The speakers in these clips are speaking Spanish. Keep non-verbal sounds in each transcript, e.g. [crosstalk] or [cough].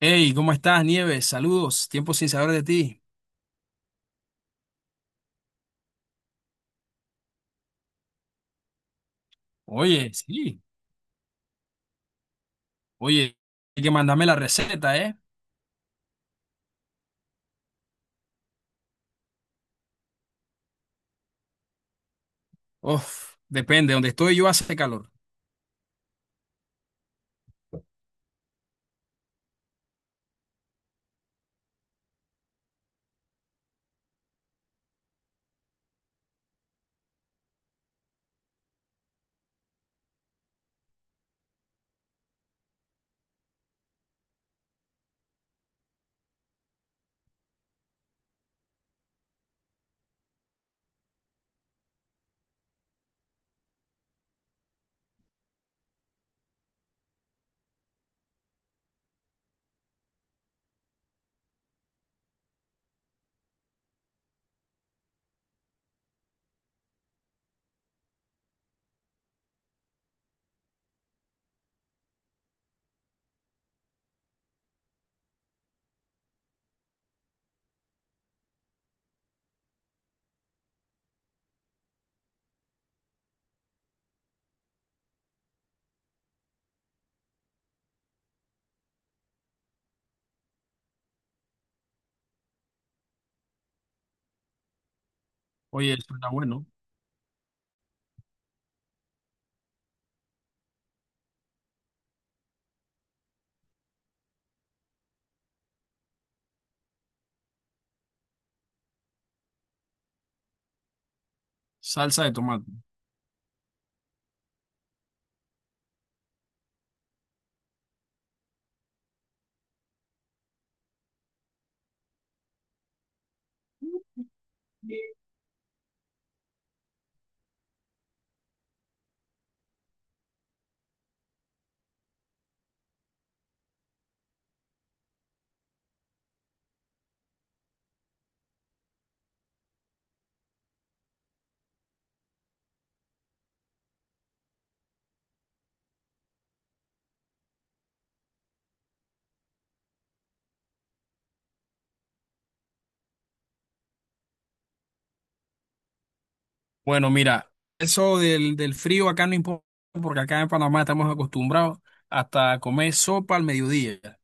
Hey, ¿cómo estás, Nieves? Saludos, tiempo sin saber de ti. Oye, sí, oye, hay que mandarme la receta, ¿eh? Uf, depende, donde estoy yo hace calor. Oye, eso está bueno. Salsa de tomate. Bueno, mira, eso del frío acá no importa, porque acá en Panamá estamos acostumbrados hasta comer sopa al mediodía, o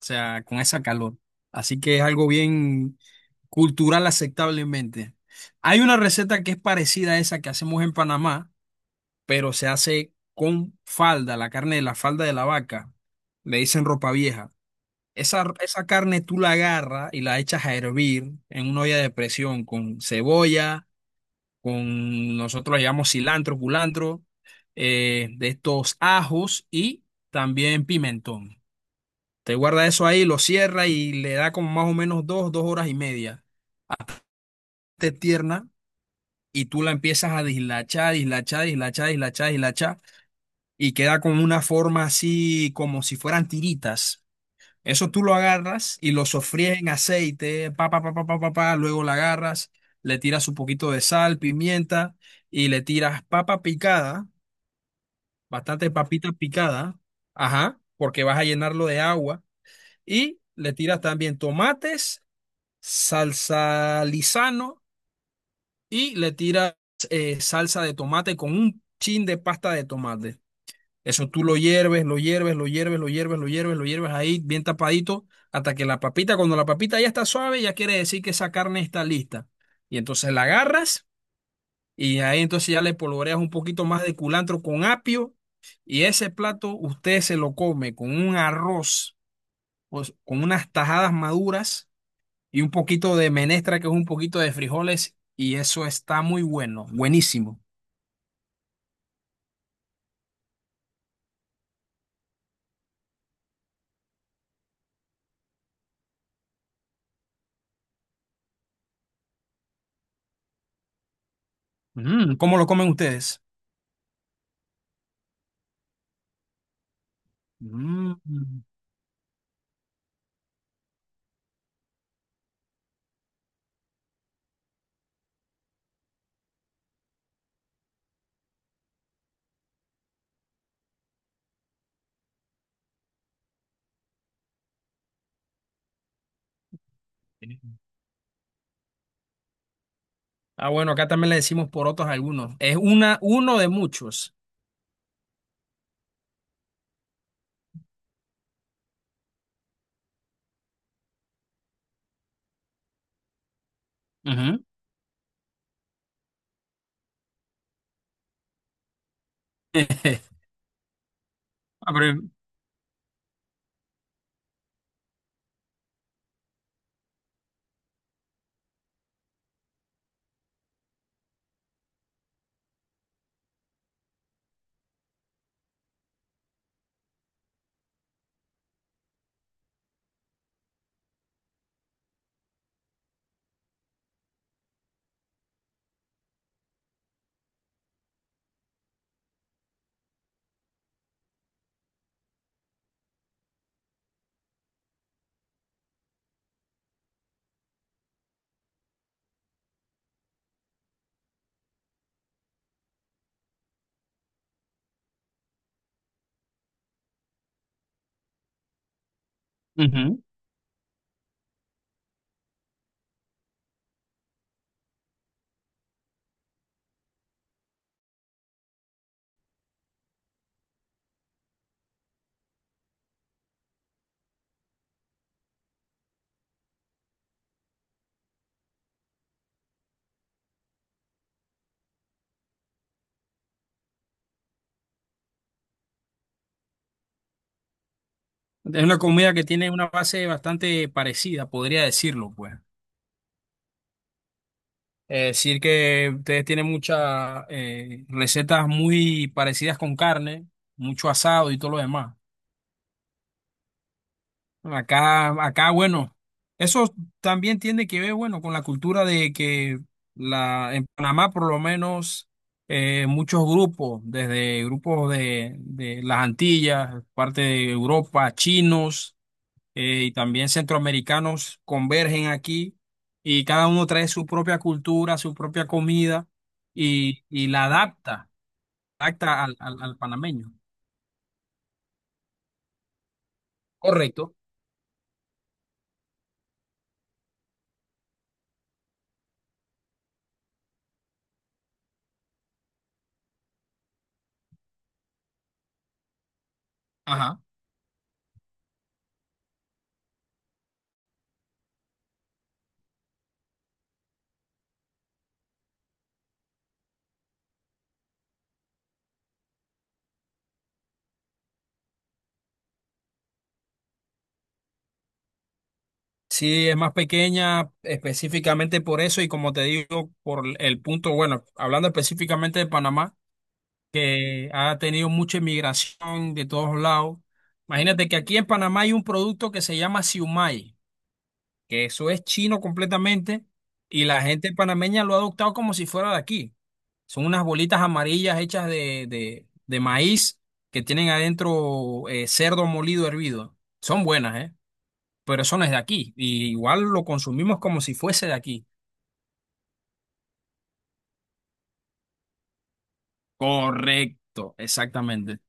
sea, con esa calor. Así que es algo bien cultural aceptablemente. Hay una receta que es parecida a esa que hacemos en Panamá pero se hace con falda, la carne de la falda de la vaca, le dicen ropa vieja. Esa carne tú la agarras y la echas a hervir en una olla de presión con cebolla, con nosotros le llamamos cilantro, culantro, de estos ajos y también pimentón. Te guarda eso ahí, lo cierra y le da como más o menos dos horas y media. Hasta que esté tierna y tú la empiezas a dislachar, dislachar, dislachar, dislachar, dislachar y queda con una forma así como si fueran tiritas. Eso tú lo agarras y lo sofríes en aceite, pa, pa, pa, pa, pa, pa, pa, luego la agarras, le tiras un poquito de sal, pimienta y le tiras papa picada, bastante papita picada, ajá, porque vas a llenarlo de agua y le tiras también tomates, salsa lisano y le tiras salsa de tomate con un chin de pasta de tomate. Eso tú lo hierves, lo hierves, lo hierves, lo hierves, lo hierves, lo hierves ahí bien tapadito hasta que la papita, cuando la papita ya está suave, ya quiere decir que esa carne está lista. Y entonces la agarras y ahí entonces ya le polvoreas un poquito más de culantro con apio y ese plato usted se lo come con un arroz, pues, con unas tajadas maduras y un poquito de menestra que es un poquito de frijoles y eso está muy bueno, buenísimo. Mm, ¿cómo lo comen ustedes? Mm. Ah, bueno, acá también le decimos porotos a algunos. Es una, uno de muchos. Ujú. [laughs] Ah, pero ujú, es una comida que tiene una base bastante parecida, podría decirlo, pues. Es decir que ustedes tienen muchas recetas muy parecidas con carne, mucho asado y todo lo demás. Acá, acá, bueno, eso también tiene que ver, bueno, con la cultura de que la, en Panamá, por lo menos, muchos grupos, desde grupos de las Antillas, parte de Europa, chinos, y también centroamericanos convergen aquí y cada uno trae su propia cultura, su propia comida y la adapta, adapta al panameño. Correcto. Ajá. Sí, es más pequeña específicamente por eso y como te digo, por el punto, bueno, hablando específicamente de Panamá, que ha tenido mucha inmigración de todos lados. Imagínate que aquí en Panamá hay un producto que se llama siumai, que eso es chino completamente y la gente panameña lo ha adoptado como si fuera de aquí. Son unas bolitas amarillas hechas de maíz que tienen adentro cerdo molido hervido. Son buenas, ¿eh? Pero eso no es de aquí. Y igual lo consumimos como si fuese de aquí. Correcto, exactamente.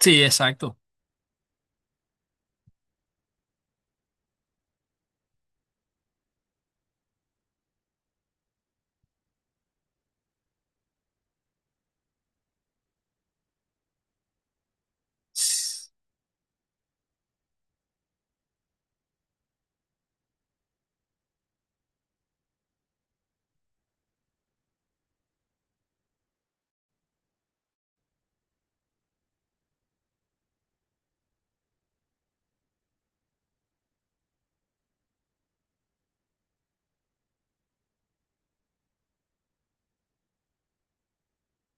Sí, exacto. S-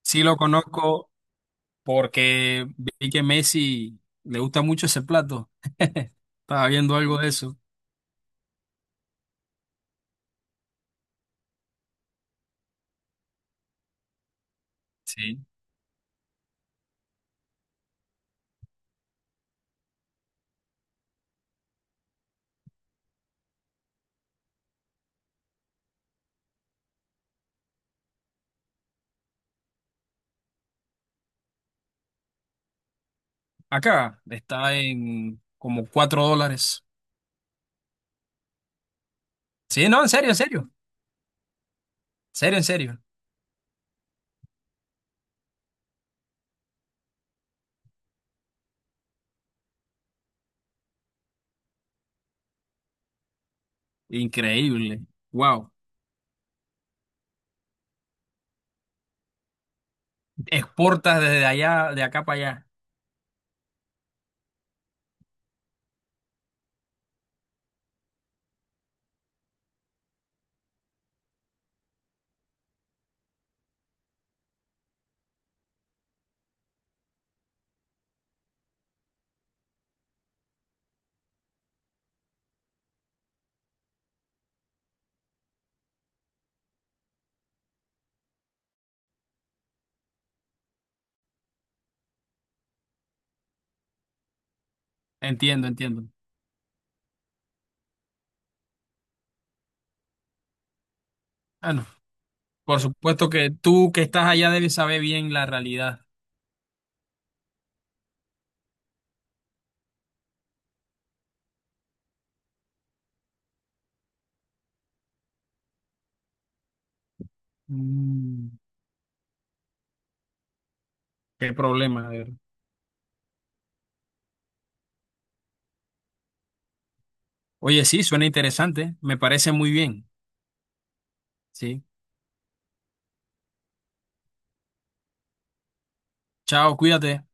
Sí lo conozco porque vi que Messi le gusta mucho ese plato. [laughs] Estaba viendo algo de eso. Sí. Acá está en como $4. Sí, no, en serio, en serio. En serio, en serio. Increíble. Wow. Exportas desde allá, de acá para allá. Entiendo, entiendo. Ah, no. Por supuesto que tú que estás allá debes saber bien la realidad. Mm, qué problema, de verdad. Oye, sí, suena interesante. Me parece muy bien. Sí. Chao, cuídate.